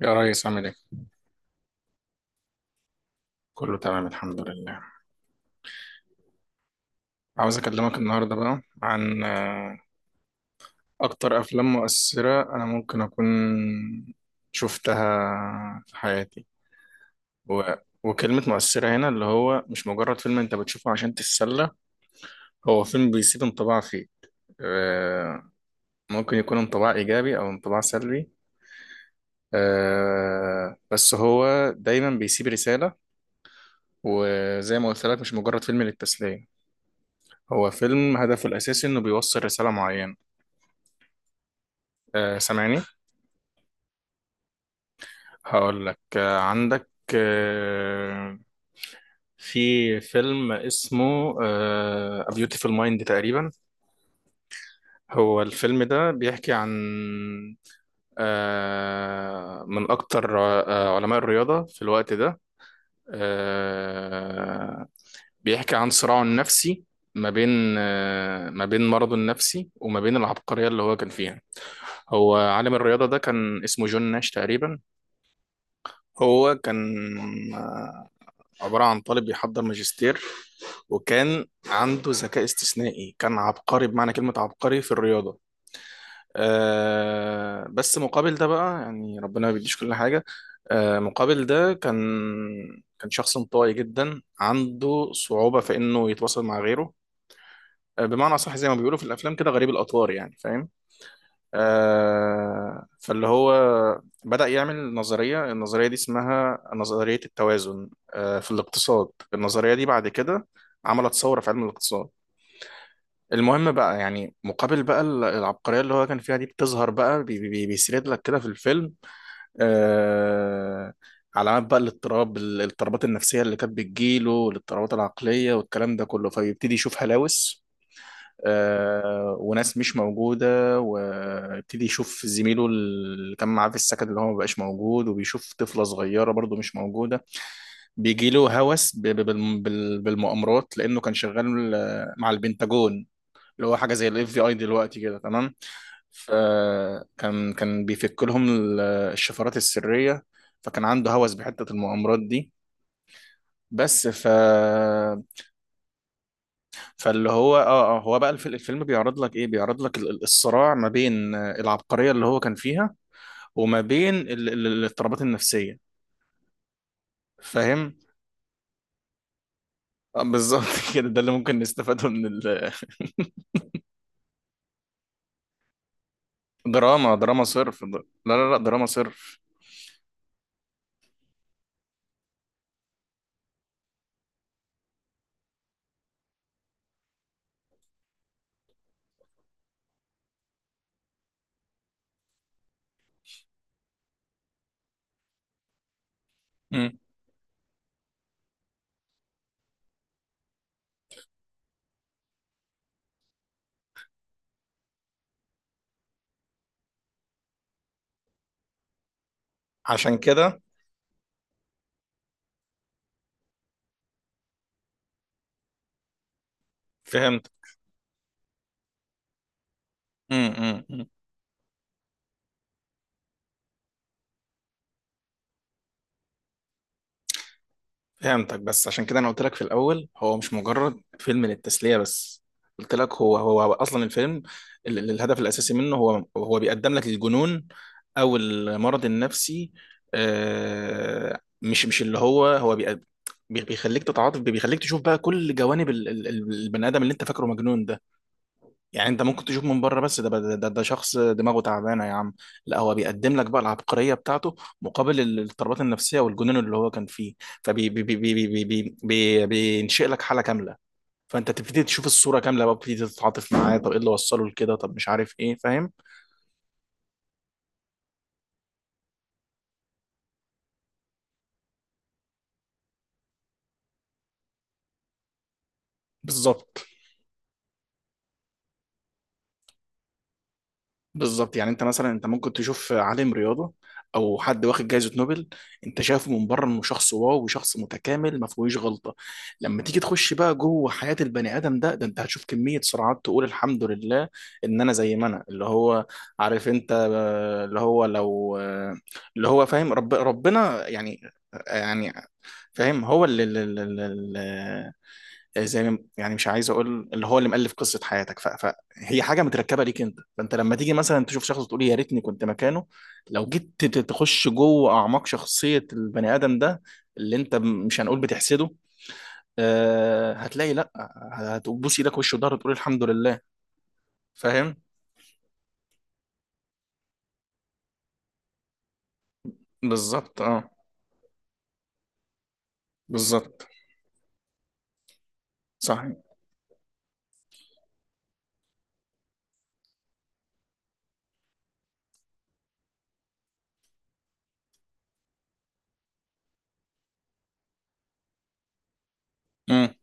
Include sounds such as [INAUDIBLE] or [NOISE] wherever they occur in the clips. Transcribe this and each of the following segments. يا ريس عامل ايه؟ كله تمام الحمد لله. عاوز اكلمك النهارده بقى عن اكتر افلام مؤثرة انا ممكن اكون شفتها في حياتي. و... وكلمة مؤثرة هنا اللي هو مش مجرد فيلم انت بتشوفه عشان تتسلى. هو فيلم بيسيب انطباع فيك. آه، ممكن يكون انطباع ايجابي او انطباع سلبي. بس هو دايما بيسيب رسالة. وزي ما قلت لك مش مجرد فيلم للتسلية. هو فيلم هدفه الأساسي إنه بيوصل رسالة معينة. سامعني. هقول لك عندك. آه، في فيلم اسمه A Beautiful Mind تقريبا. هو الفيلم ده بيحكي عن من أكتر علماء الرياضة في الوقت ده. آه، بيحكي عن صراعه النفسي ما بين، ما بين مرضه النفسي وما بين العبقرية اللي هو كان فيها. هو عالم الرياضة ده كان اسمه جون ناش تقريبا. هو كان آه، عبارة عن طالب بيحضر ماجستير. وكان عنده ذكاء استثنائي، كان عبقري بمعنى كلمة عبقري في الرياضة. بس مقابل ده بقى يعني ربنا ما بيديش كل حاجة. مقابل ده كان، شخص انطوائي جدا عنده صعوبة في إنه يتواصل مع غيره. بمعنى أصح زي ما بيقولوا في الأفلام كده غريب الأطوار، يعني فاهم. فاللي هو بدأ يعمل نظرية. النظرية دي اسمها نظرية التوازن في الاقتصاد. النظرية دي بعد كده عملت ثورة في علم الاقتصاد. المهم بقى، يعني مقابل بقى العبقرية اللي هو كان فيها دي، بتظهر بقى بيسرد لك كده في الفيلم آه، علامات بقى الاضطراب، الاضطرابات النفسية اللي كانت بتجيله، والاضطرابات العقلية والكلام ده كله. فبيبتدي يشوف هلاوس وناس مش موجودة، ويبتدي يشوف زميله اللي كان معاه في السكن اللي هو مبقاش موجود، وبيشوف طفلة صغيرة برضو مش موجودة. بيجيله هوس بالمؤامرات، لأنه كان شغال مع البنتاجون. اللي هو حاجة زي الاف بي اي دلوقتي كده، تمام. فكان، بيفك لهم الشفرات السرية. فكان عنده هوس بحتة المؤامرات دي. بس ف فاللي هو هو بقى الفيلم بيعرض لك ايه؟ بيعرض لك الصراع ما بين العبقرية اللي هو كان فيها، وما بين الاضطرابات النفسية، فاهم. بالظبط. [LAUGHS] كده، ده اللي ممكن نستفاده من [LAUGHS] دراما صرف. لا لا لا، دراما صرف. مم. عشان كده فهمت. مم، مم، مم. فهمتك. بس عشان كده انا قلت لك في الاول هو مش مجرد فيلم للتسليه بس. قلت لك هو اصلا الفيلم، الهدف الاساسي منه هو بيقدم لك الجنون، او المرض النفسي. مش، اللي هو بيخليك تتعاطف، بيخليك تشوف بقى كل جوانب البني ادم اللي انت فاكره مجنون ده. يعني انت ممكن تشوف من بره بس ده، ده شخص دماغه تعبانه يا عم. لا، هو بيقدم لك بقى العبقريه بتاعته مقابل الاضطرابات النفسيه والجنون اللي هو كان فيه. فبي بي بي بي بي بي بي بينشئ لك حاله كامله. فانت تبتدي تشوف الصوره كامله بقى، بتبتدي تتعاطف معاه. طب ايه اللي وصله لكده، طب مش عارف ايه، فاهم. بالظبط. بالظبط، يعني انت مثلا، انت ممكن تشوف عالم رياضه او حد واخد جائزه نوبل، انت شايفه من بره انه شخص واو، وشخص متكامل ما فيهوش غلطه. لما تيجي تخش بقى جوه حياه البني ادم ده، انت هتشوف كميه صراعات تقول الحمد لله ان انا زي ما انا. اللي هو عارف انت اللي هو لو اللي هو فاهم، ربنا يعني. يعني فاهم، هو اللي زي يعني مش عايز اقول اللي هو اللي مؤلف قصه حياتك، فهي حاجه متركبه ليك انت. فانت لما تيجي مثلا تشوف شخص تقول يا ريتني كنت مكانه، لو جيت تخش جوه اعماق شخصيه البني ادم ده اللي انت مش هنقول بتحسده، هتلاقي لا، هتبوس ايدك وش وضهر وتقول الحمد لله. فاهم. بالظبط، اه. بالظبط. صح. امم.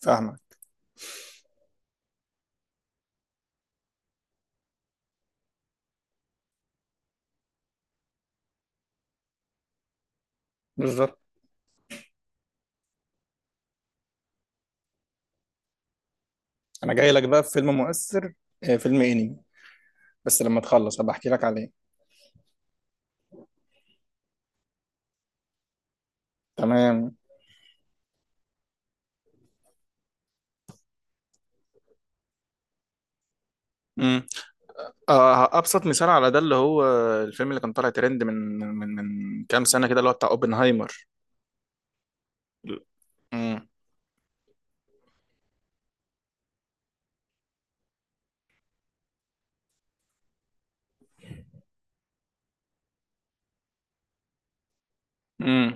فاهمك. بالظبط. انا جاي لك بقى في فيلم مؤثر، فيلم انمي. بس لما تخلص هبقى احكي لك عليه. تمام. مم. ابسط مثال على ده اللي هو الفيلم اللي كان طالع ترند من، كام سنه كده، اللي هو بتاع اوبنهايمر. امم. امم.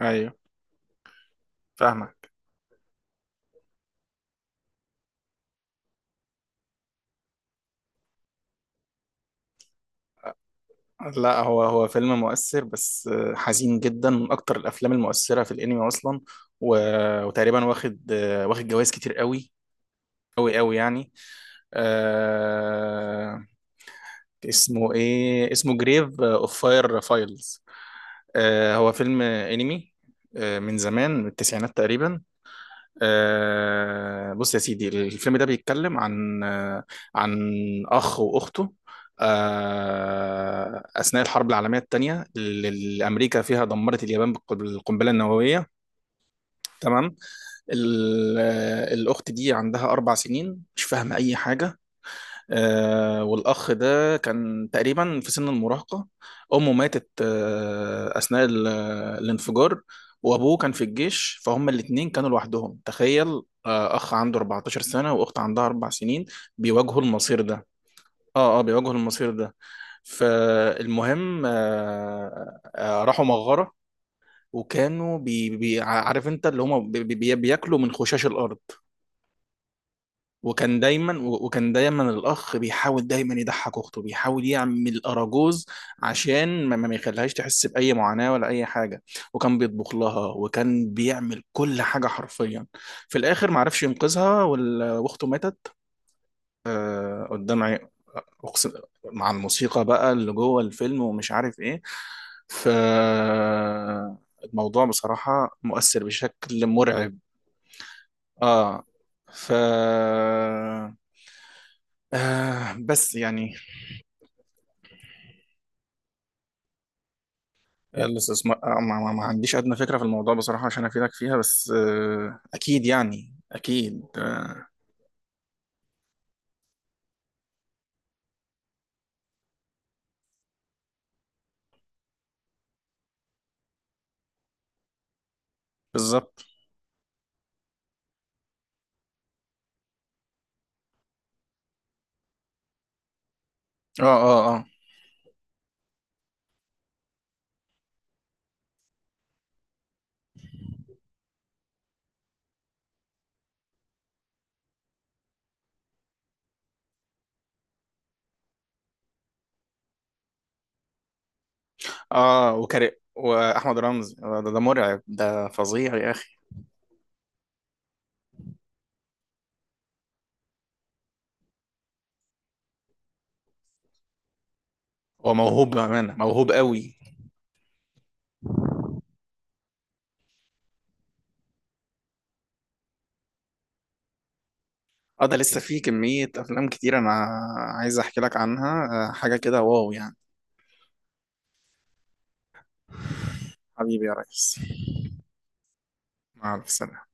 ايوه. فاهمك. لا، هو هو فيلم مؤثر بس حزين جدا، من اكتر الافلام المؤثره في الانمي اصلا. و... وتقريبا واخد، واخد جوائز كتير قوي قوي قوي يعني. آه... اسمه ايه؟ اسمه جريف اوف فاير فايلز. هو فيلم انمي من زمان، من التسعينات تقريبا. بص يا سيدي، الفيلم ده بيتكلم عن عن أخ وأخته أثناء الحرب العالمية الثانية اللي أمريكا فيها دمرت اليابان بالقنبلة النووية، تمام. الأخت دي عندها 4 سنين، مش فاهمة أي حاجة. والأخ ده كان تقريبا في سن المراهقة. أمه ماتت أثناء الانفجار، وأبوه كان في الجيش، فهم الاتنين كانوا لوحدهم، تخيل. أخ عنده 14 سنة وأخت عندها 4 سنين، بيواجهوا المصير ده. بيواجهوا المصير ده. فالمهم راحوا مغارة، وكانوا عارف انت اللي هم بي بي بياكلوا من خشاش الارض. وكان دايما الاخ بيحاول دايما يضحك اخته، بيحاول يعمل اراجوز عشان ما يخليهاش تحس باي معاناه ولا اي حاجه. وكان بيطبخ لها، وكان بيعمل كل حاجه حرفيا. في الاخر ما عرفش ينقذها، واخته ماتت قدام أقسم- مع الموسيقى بقى اللي جوه الفيلم، ومش عارف ايه. ف، الموضوع بصراحه مؤثر بشكل مرعب. اه. ف، بس يعني. الاستثمار، ما عنديش ادنى فكره في الموضوع بصراحه عشان افيدك فيها. بس اكيد، يعني اكيد بالظبط، اه اه اه اه، وكاري واحمد رمزي ده، مرعب، ده فظيع يا اخي. هو موهوب بامانه، موهوب قوي. اه، ده لسه في كميه افلام كتير انا عايز احكي لك عنها. حاجه كده واو يعني. حبيبي يا ريس. مع السلامه.